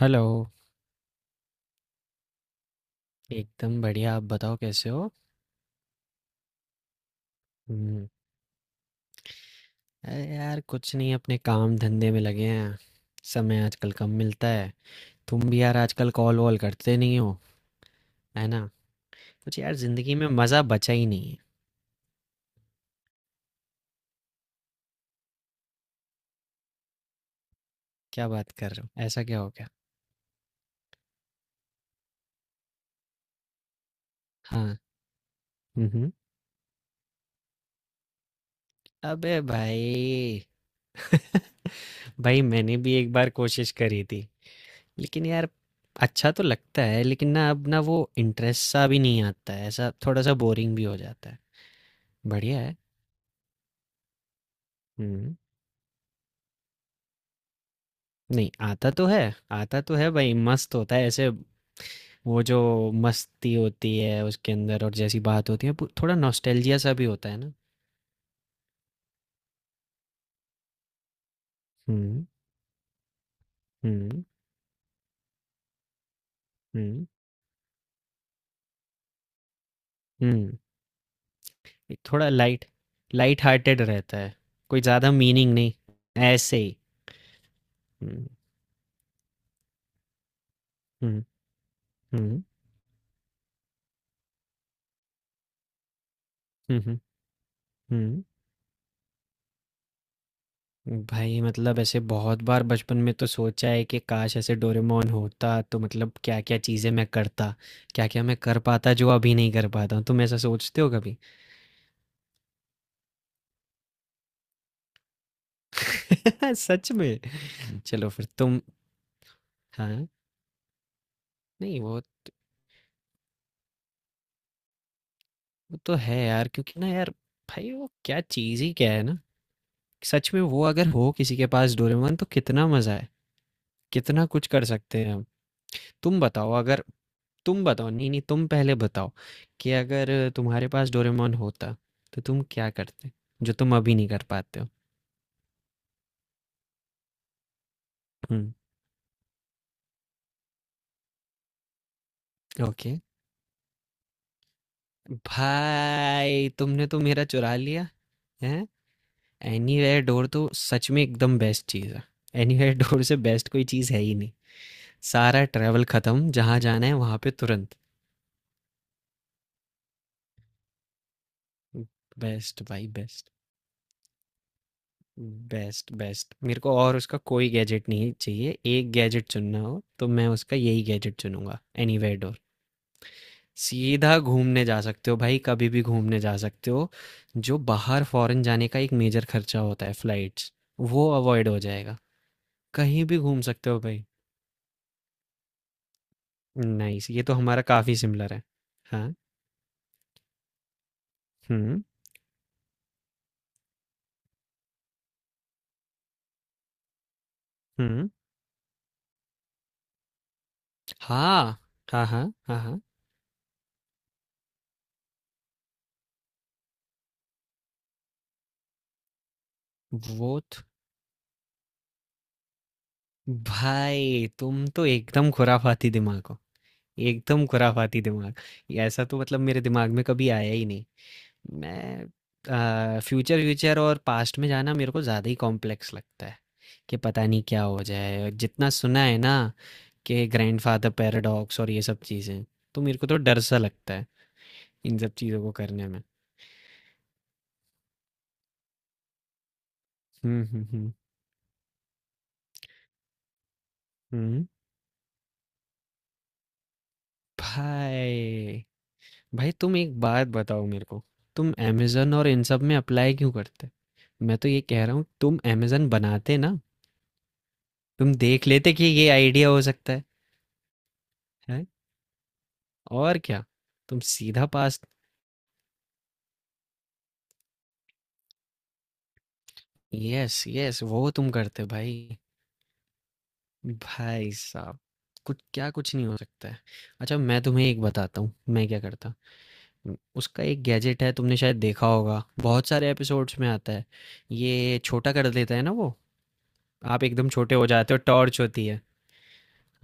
Hello! एकदम बढ़िया, आप बताओ कैसे हो? हुँ, अरे यार कुछ नहीं अपने काम-धंधे में लगे हैं। समय आजकल कम मिलता है। तुम भी यार आजकल कॉल-वॉल करते नहीं हो, है ना? कुछ यार ज़िंदगी में मज़ा बचा ही नहीं है। क्या बात कर रहे हो? ऐसा क्या हो गया? हाँ। हुँ। हुँ। अबे भाई! भाई मैंने भी एक बार कोशिश करी थी, लेकिन यार अच्छा तो लगता है लेकिन ना अब ना वो इंटरेस्ट सा भी नहीं आता है, ऐसा थोड़ा-सा बोरिंग भी हो जाता है। बढ़िया है। हुँ। नहीं आता तो है। आता तो है भाई, मस्त होता है ऐसे। वो जो मस्ती होती है उसके अंदर, और जैसी बात होती है थोड़ा नॉस्टैल्जिया सा भी होता है ना। हम्म। हम्म। हम्म। हम्म। एक थोड़ा लाइट लाइट हार्टेड रहता है। कोई ज़्यादा मीनिंग नहीं। ऐसे ही। हम्म। हम्म। हम्म। हम्म। हम्म। हम्म। भाई मतलब ऐसे बहुत बार बचपन में तो सोचा है कि काश ऐसे डोरेमोन होता तो मतलब क्या क्या चीज़ें मैं करता, क्या क्या मैं कर पाता जो अभी नहीं कर पाता हूँ। तुम ऐसा सोचते हो कभी? सच में? चलो फिर तुम। हाँ। नहीं वो, वो तो है यार, क्योंकि ना यार, भाई वो क्या चीज़ ही क्या है ना, सच में वो अगर हो किसी के पास डोरेमोन तो कितना मज़ा है, कितना कुछ कर सकते हैं हम। तुम बताओ अगर, तुम बताओ नहीं, नहीं तुम पहले बताओ कि अगर तुम्हारे पास डोरेमोन होता, तो तुम क्या करते? जो तुम अभी नहीं कर पाते हो? हुँ, ओके। भाई तुमने तो मेरा चुरा लिया, हैं? एनीवेयर डोर तो सच में एकदम बेस्ट चीज़ है। एनीवेयर डोर से बेस्ट कोई चीज़ है ही नहीं। सारा ट्रैवल ख़त्म, जहाँ जाना है वहाँ पे तुरंत। बेस्ट भाई बेस्ट, बेस्ट बेस्ट। मेरे को और उसका कोई गैजेट नहीं चाहिए, एक गैजेट चुनना हो तो मैं उसका यही गैजेट चुनूंगा। Anywhere door. सीधा घूमने जा सकते हो भाई, कभी भी घूमने जा सकते हो। जो बाहर फॉरेन जाने का एक मेजर खर्चा होता है फ्लाइट्स, वो अवॉइड हो जाएगा। कहीं भी घूम सकते हो भाई। नाइस, ये तो हमारा काफ़ी सिमिलर है। हाँ। हुँ। हुँ। हाँ, हाँ, हाँ, हाँ, हाँ। वो तो। भाई तुम तो एकदम खुराफाती दिमाग हो, एकदम खुराफाती दिमाग। ये ऐसा तो मतलब मेरे दिमाग में कभी आया ही नहीं। मैं फ्यूचर व्यूचर और पास्ट में जाना मेरे को ज़्यादा ही कॉम्प्लेक्स लगता है, कि पता नहीं क्या हो जाए। जितना सुना है ना, कि ग्रैंडफादर पैराडॉक्स और ये सब चीज़ें, तो मेरे को तो डर सा लगता है इन सब चीज़ों को करने में। हुँ। हुँ। हुँ। हुँ। भाई, भाई तुम एक बात बताओ मेरे को, तुम अमेज़न और इन सब में अप्लाई क्यों करते? मैं तो ये कह रहा हूँ तुम अमेज़न बनाते ना, तुम देख लेते कि ये आइडिया हो सकता है, हैं? और क्या? तुम सीधा पास। यस यस वो तुम करते भाई। भाई साहब, कुछ क्या कुछ नहीं हो सकता है। अच्छा मैं तुम्हें एक बताता हूँ मैं क्या करता। उसका एक गैजेट है, तुमने शायद देखा होगा, बहुत सारे एपिसोड्स में आता है। ये छोटा कर देता है ना वो, आप एकदम छोटे हो जाते हो, टॉर्च होती है।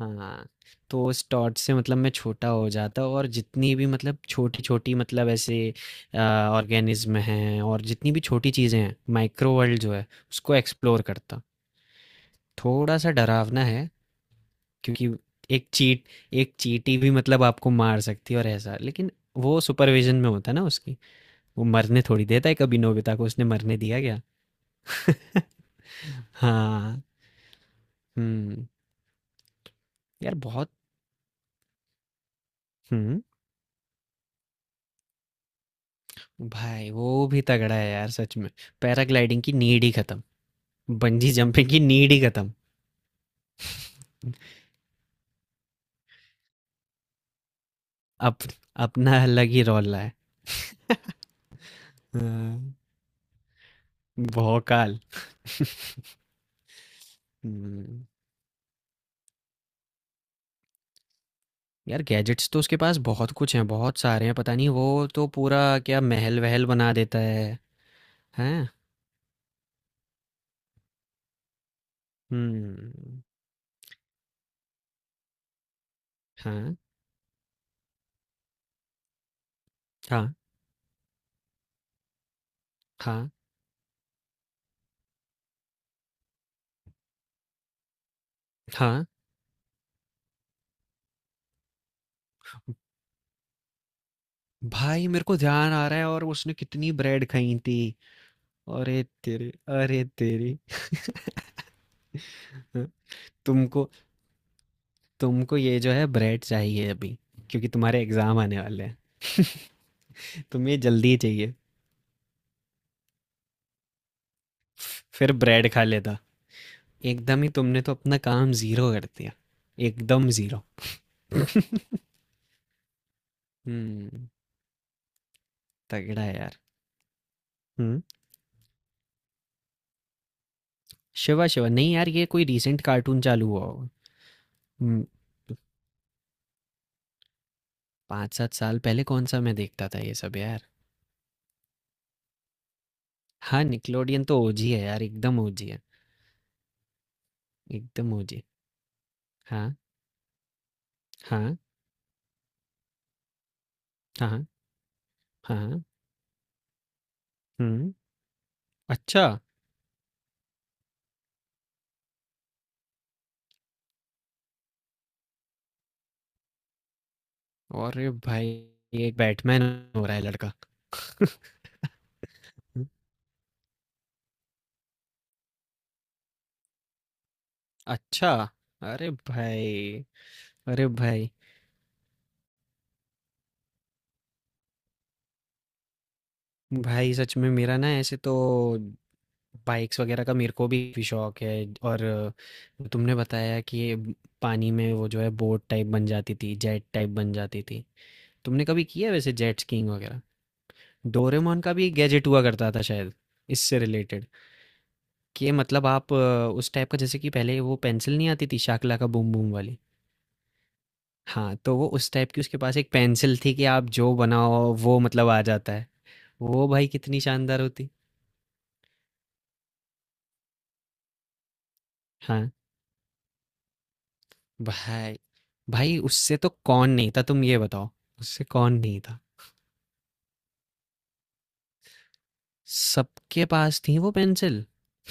हाँ, तो उस टॉर्च से मतलब मैं छोटा हो जाता हूँ, और जितनी भी मतलब छोटी छोटी मतलब ऐसे ऑर्गेनिज्म हैं और जितनी भी छोटी चीज़ें हैं, माइक्रो वर्ल्ड जो है उसको एक्सप्लोर करता। थोड़ा सा डरावना है, क्योंकि एक चीट एक चींटी भी मतलब आपको मार सकती है, और ऐसा। लेकिन वो सुपरविजन में होता है ना उसकी, वो मरने थोड़ी देता है। कभी नोबिता को उसने मरने दिया क्या? हाँ। हम्म। यार बहुत। हम्म। भाई वो भी तगड़ा है यार सच में। पैराग्लाइडिंग की नीड ही खत्म, बंजी जंपिंग की नीड ही खत्म। अप, अपना अलग ही रोला है। हाँ, भौकाल। हम्म। यार गैजेट्स तो उसके पास बहुत कुछ हैं, बहुत सारे हैं, पता नहीं वो तो पूरा क्या महल वहल बना देता है। हैं। हम्म। हाँ, हाँ, हाँ, हाँ। भाई मेरे को ध्यान आ रहा है, और उसने कितनी ब्रेड खाई थी। अरे तेरे, अरे तेरे। हाँ, तुमको तुमको ये जो है ब्रेड चाहिए अभी, क्योंकि तुम्हारे एग्जाम आने वाले हैं। तुम्हें जल्दी चाहिए। फिर ब्रेड खा लेता। एकदम ही तुमने तो अपना काम जीरो कर दिया, एकदम जीरो। हम्म। तगड़ा है यार। हम्म। शिवा शिवा नहीं यार, ये कोई रीसेंट कार्टून चालू हुआ होगा। हम्म। पाँच सात साल पहले कौन सा मैं देखता था ये सब यार। हाँ, निकलोडियन तो ओजी है यार, एकदम ओजी है। एकदम ओजी। हाँ। हाँ। हाँ। हाँ। हम्म। अच्छा। और भाई, ये एक बैटमैन हो रहा है लड़का। अच्छा। अरे भाई, अरे भाई। भाई सच में मेरा ना, ऐसे तो बाइक्स वगैरह का मेरे को भी काफी शौक है। और तुमने बताया कि ये पानी में वो जो है बोट टाइप बन जाती थी, जेट टाइप बन जाती थी। तुमने कभी किया है वैसे जेट स्कीइंग वगैरह? डोरेमोन का भी गैजेट हुआ करता था शायद इससे रिलेटेड। कि मतलब आप अ, उस टाइप का जैसे कि पहले वो पेंसिल नहीं आती थी शाकला का बूम बूम वाली। हाँ, तो वो उस टाइप की उसके पास एक पेंसिल थी, कि आप जो बनाओ वो मतलब आ जाता है। वो भाई कितनी शानदार होती। हाँ। भाई भाई उससे तो कौन नहीं था, तुम ये बताओ, उससे कौन नहीं था? सबके पास थी वो पेंसिल।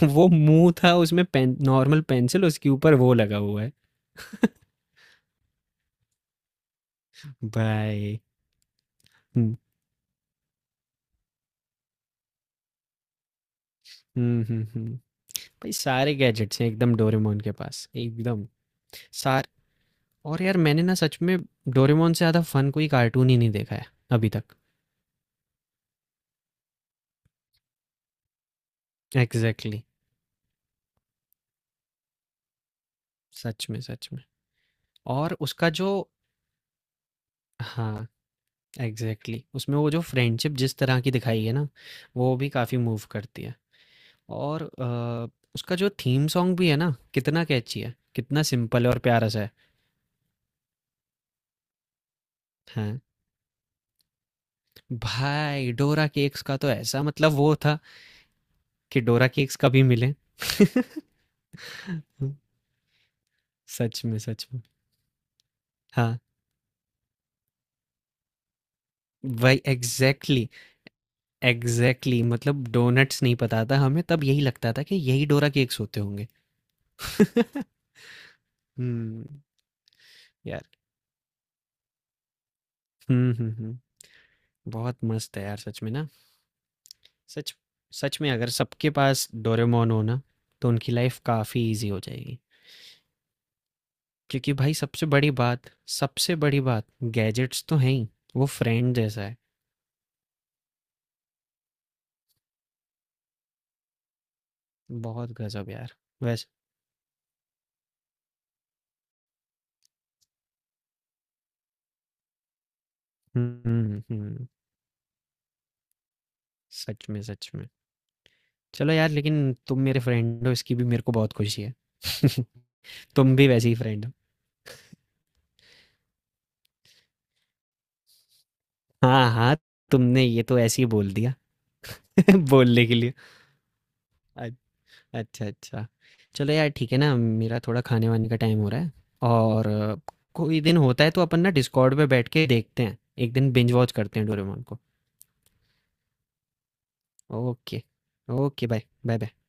वो मुँह था उसमें, पेन नॉर्मल पेंसिल उसके ऊपर वो लगा हुआ है। भाई। हुँ। हुँ। हुँ। हुँ। भाई सारे गैजेट्स हैं एकदम डोरेमोन के पास, एकदम। सार और यार मैंने ना सच में डोरेमोन से ज़्यादा फ़न कोई कार्टून ही नहीं देखा है अभी तक। एग्ज़ैक्टली। सच में, सच में। और उसका जो। हाँ। Exactly exactly। उसमें वो जो फ्रेंडशिप जिस तरह की दिखाई है ना, वो भी काफ़ी मूव करती है। और अ, उसका जो थीम सॉन्ग भी है ना, कितना कैची है, कितना सिंपल और प्यारा सा है। हाँ। भाई डोरा केक्स का तो ऐसा मतलब वो था कि डोरा केक्स कभी मिले। सच में, सच में। हाँ वही एग्जैक्टली exactly, मतलब डोनट्स नहीं पता था हमें, तब यही लगता था कि यही डोरा केक्स होते होंगे। हम्म। यार। हम्म। हम्म। हम्म। बहुत मस्त है यार सच में ना। सच, सच में अगर सबके पास डोरेमोन हो ना, तो उनकी लाइफ काफ़ी ईजी हो जाएगी। क्योंकि भाई, सबसे बड़ी बात, सबसे बड़ी बात, गैजेट्स तो हैं ही, वो फ्रेंड जैसा है। बहुत गजब यार। वैसे। हम्म। हम्म। हम्म। सच में, सच में। चलो यार, लेकिन तुम मेरे फ्रेंड हो इसकी भी मेरे को बहुत खुशी है। तुम भी वैसे ही फ्रेंड हो। हाँ हाँ। तुमने ये तो ऐसे ही बोल दिया। बोलने के लिए। अच्छा अच्छा। चलो यार ठीक है ना, मेरा थोड़ा खाने वाने का टाइम हो रहा है। और अ, कोई दिन होता है तो अपन ना डिस्कॉर्ड पे बैठ के देखते हैं, एक दिन बिंज वॉच करते हैं डोरेमोन को। Okay. Okay bye bye bye.